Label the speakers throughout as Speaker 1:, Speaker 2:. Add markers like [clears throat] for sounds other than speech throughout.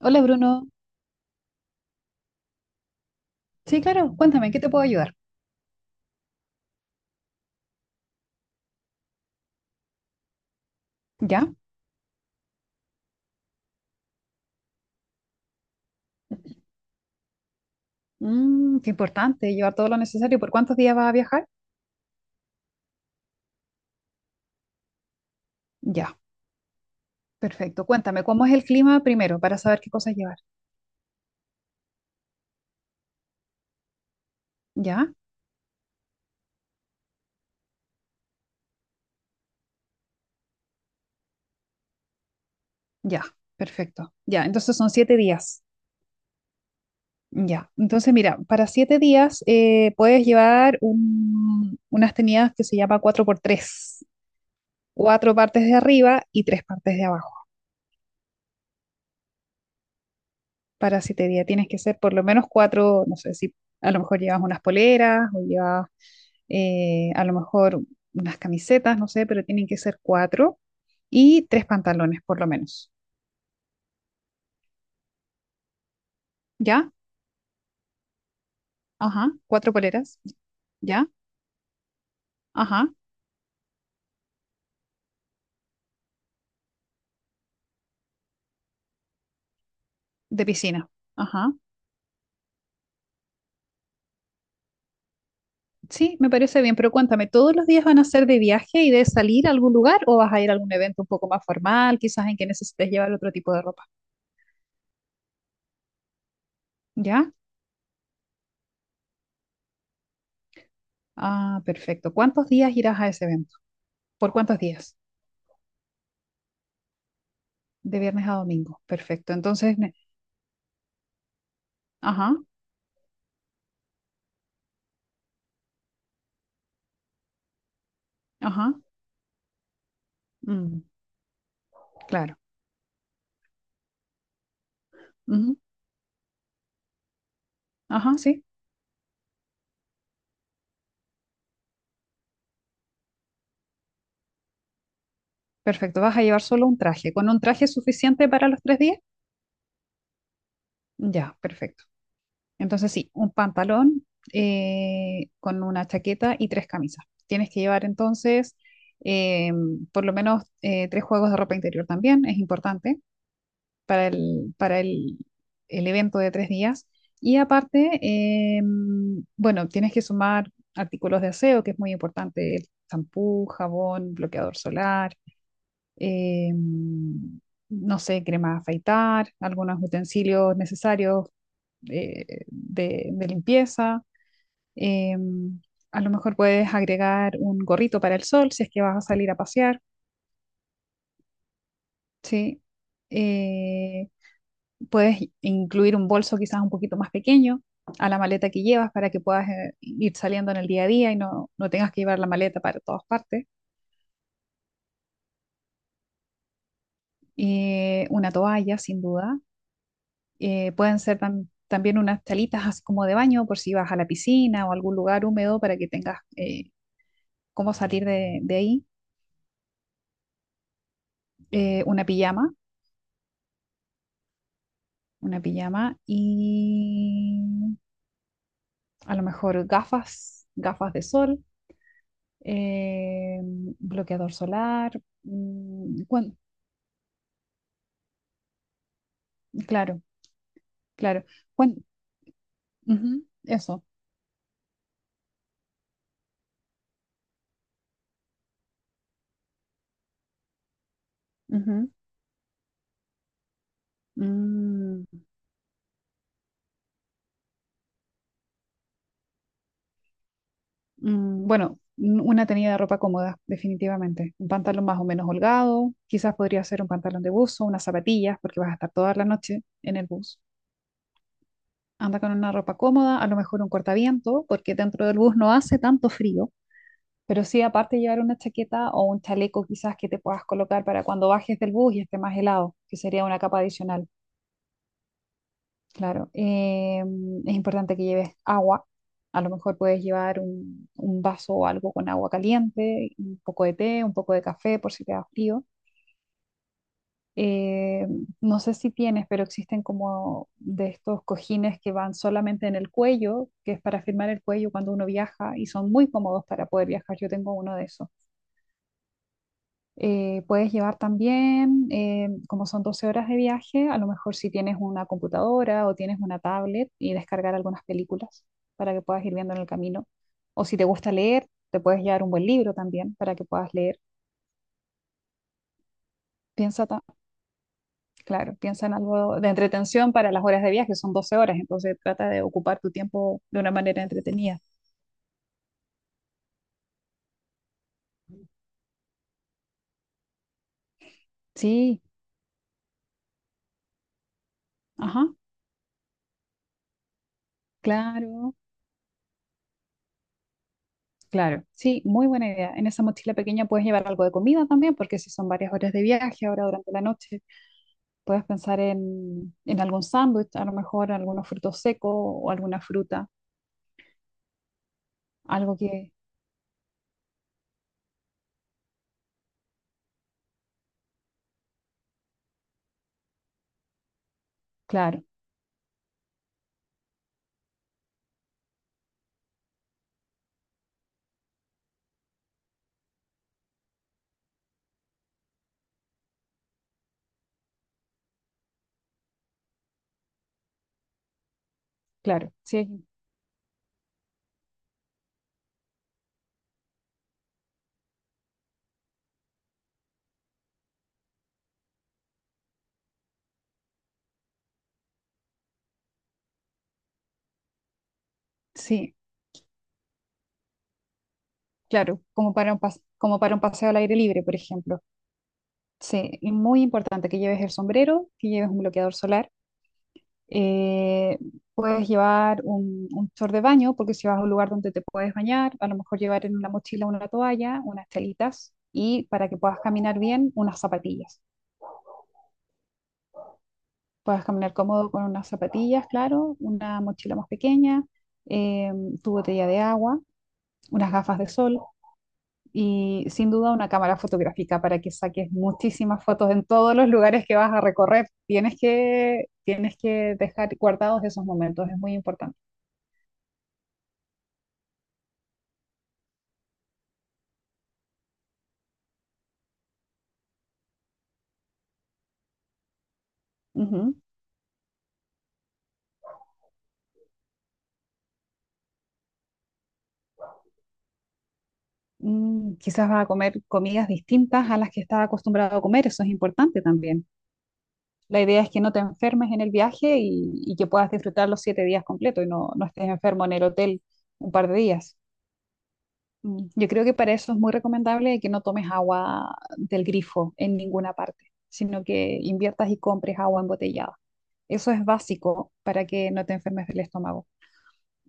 Speaker 1: Hola Bruno. Sí, claro, cuéntame, ¿en qué te puedo ayudar? ¿Ya? Mm, qué importante, llevar todo lo necesario. ¿Por cuántos días vas a viajar? Ya, perfecto. Cuéntame, ¿cómo es el clima primero para saber qué cosas llevar? ¿Ya? Ya, perfecto. Ya, entonces son 7 días. Ya, entonces mira, para 7 días puedes llevar unas tenidas que se llama cuatro por tres, cuatro partes de arriba y tres partes de abajo. Parasitería tienes que ser por lo menos cuatro, no sé si a lo mejor llevas unas poleras o llevas a lo mejor unas camisetas, no sé, pero tienen que ser cuatro y tres pantalones por lo menos. ¿Ya? Ajá, cuatro poleras. ¿Ya? Ajá, de piscina. Ajá. Sí, me parece bien, pero cuéntame, ¿todos los días van a ser de viaje y de salir a algún lugar o vas a ir a algún evento un poco más formal, quizás en que necesites llevar otro tipo de ropa? ¿Ya? Ah, perfecto. ¿Cuántos días irás a ese evento? ¿Por cuántos días? De viernes a domingo. Perfecto. Entonces, ajá, ajá, mm, claro. Ujú, ajá, sí. Perfecto. Vas a llevar solo un traje. ¿Con un traje es suficiente para los 3 días? Ya, perfecto. Entonces, sí, un pantalón con una chaqueta y tres camisas. Tienes que llevar entonces eh, por lo menos tres juegos de ropa interior también, es importante. Para el evento de 3 días. Y aparte, bueno, tienes que sumar artículos de aseo, que es muy importante, el champú, jabón, bloqueador solar, eh, no sé, crema de afeitar, algunos utensilios necesarios de limpieza. eh, a lo mejor puedes agregar un gorrito para el sol si es que vas a salir a pasear, ¿sí? Eh, Puedes incluir un bolso quizás un poquito más pequeño a la maleta que llevas para que puedas ir saliendo en el día a día y no, no tengas que llevar la maleta para todas partes. Una toalla, sin duda. Pueden ser también unas talitas así como de baño por si vas a la piscina o a algún lugar húmedo para que tengas cómo salir de ahí. Eh, una pijama, una pijama y a lo mejor gafas de sol, eh, bloqueador solar. Claro, claro. Bueno, ujú, eso. Ujú. Mm, bueno, una tenida de ropa cómoda, definitivamente. Un pantalón más o menos holgado, quizás podría ser un pantalón de buzo, unas zapatillas, porque vas a estar toda la noche en el bus. Anda con una ropa cómoda, a lo mejor un cortaviento, porque dentro del bus no hace tanto frío, pero sí aparte llevar una chaqueta o un chaleco quizás que te puedas colocar para cuando bajes del bus y esté más helado, que sería una capa adicional. Claro, es importante que lleves agua. A lo mejor puedes llevar un vaso o algo con agua caliente, un poco de té, un poco de café por si te da frío. Eh, no sé si tienes, pero existen como de estos cojines que van solamente en el cuello, que es para firmar el cuello cuando uno viaja y son muy cómodos para poder viajar. Yo tengo uno de esos. Puedes llevar también, como son 12 horas de viaje, a lo mejor si tienes una computadora o tienes una tablet y descargar algunas películas para que puedas ir viendo en el camino. O si te gusta leer, te puedes llevar un buen libro también para que puedas leer. Piensa, ta- claro, piensa en algo de entretención para las horas de viaje, son 12 horas, entonces trata de ocupar tu tiempo de una manera entretenida. Sí, ajá, claro. Claro, sí, muy buena idea. En esa mochila pequeña puedes llevar algo de comida también, porque si son varias horas de viaje ahora durante la noche, puedes pensar en algún sándwich, a lo mejor algunos frutos secos o alguna fruta, algo que, claro, claro, sí, sí, claro, como para un paseo al aire libre, por ejemplo. Sí, y muy importante que lleves el sombrero, que lleves un bloqueador solar. Eh, Puedes llevar un short de baño, porque si vas a un lugar donde te puedes bañar, a lo mejor llevar en una mochila una toalla, unas telitas y para que puedas caminar bien, unas zapatillas. Puedas caminar cómodo con unas zapatillas, claro, una mochila más pequeña, eh, tu botella de agua, unas gafas de sol y sin duda una cámara fotográfica para que saques muchísimas fotos en todos los lugares que vas a recorrer. Tienes que dejar guardados esos momentos, es muy importante. Ujú. Quizás va a comer comidas distintas a las que estaba acostumbrado a comer, eso es importante también. La idea es que no te enfermes en el viaje y que puedas disfrutar los 7 días completos y no, no estés enfermo en el hotel un par de días. Yo creo que para eso es muy recomendable que no tomes agua del grifo en ninguna parte, sino que inviertas y compres agua embotellada. Eso es básico para que no te enfermes del estómago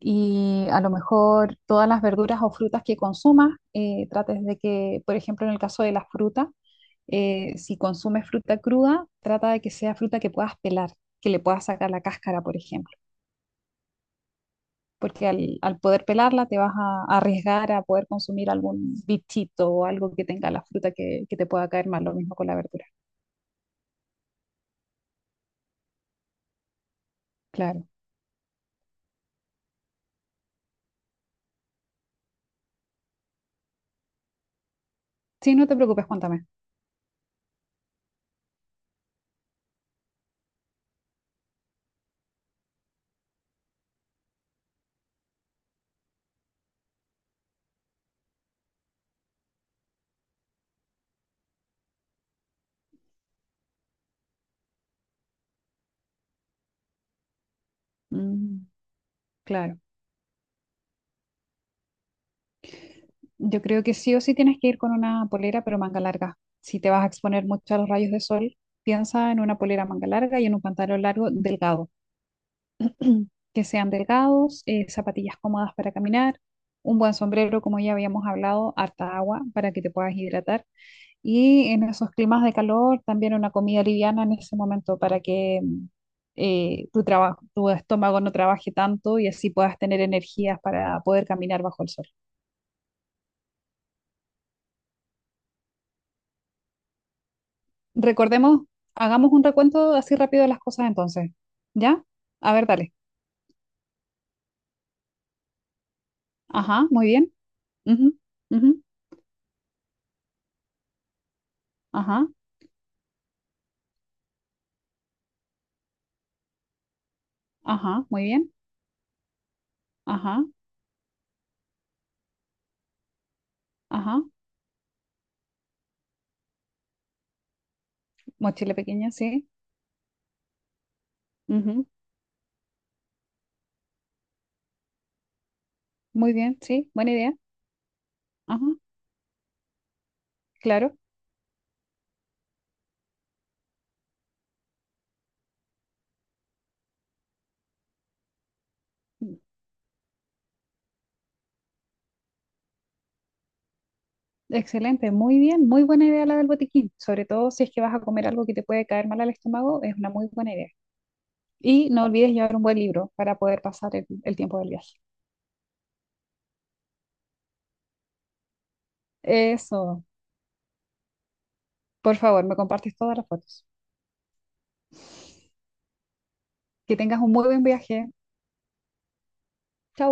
Speaker 1: y a lo mejor todas las verduras o frutas que consumas, trates de que, por ejemplo, en el caso de las frutas, si consumes fruta cruda, trata de que sea fruta que puedas pelar, que le puedas sacar la cáscara, por ejemplo, porque al poder pelarla te vas a arriesgar a poder consumir algún bichito o algo que tenga la fruta que te pueda caer mal, lo mismo con la verdura. Claro. Sí, no te preocupes, cuéntame. Mm, claro. Yo creo que sí o sí tienes que ir con una polera, pero manga larga. Si te vas a exponer mucho a los rayos de sol, piensa en una polera manga larga y en un pantalón largo delgado. [clears throat] Que sean delgados, zapatillas cómodas para caminar, un buen sombrero, como ya habíamos hablado, harta agua para que te puedas hidratar. Y en esos climas de calor, también una comida liviana en ese momento para que tu estómago no trabaje tanto y así puedas tener energías para poder caminar bajo el sol. Recordemos, hagamos un recuento así rápido de las cosas entonces. ¿Ya? A ver, dale. Ajá, muy bien. Ujú, ujú, ajá, ajá, muy bien. Ajá, ajá. Mochila pequeña, sí. Ujú, muy bien, sí. Buena idea. Ajá, claro. Excelente, muy bien. Muy buena idea la del botiquín. Sobre todo si es que vas a comer algo que te puede caer mal al estómago, es una muy buena idea. Y no olvides llevar un buen libro para poder pasar el tiempo del viaje. Eso. Por favor, me compartes todas las fotos. Que tengas un muy buen viaje. Chao.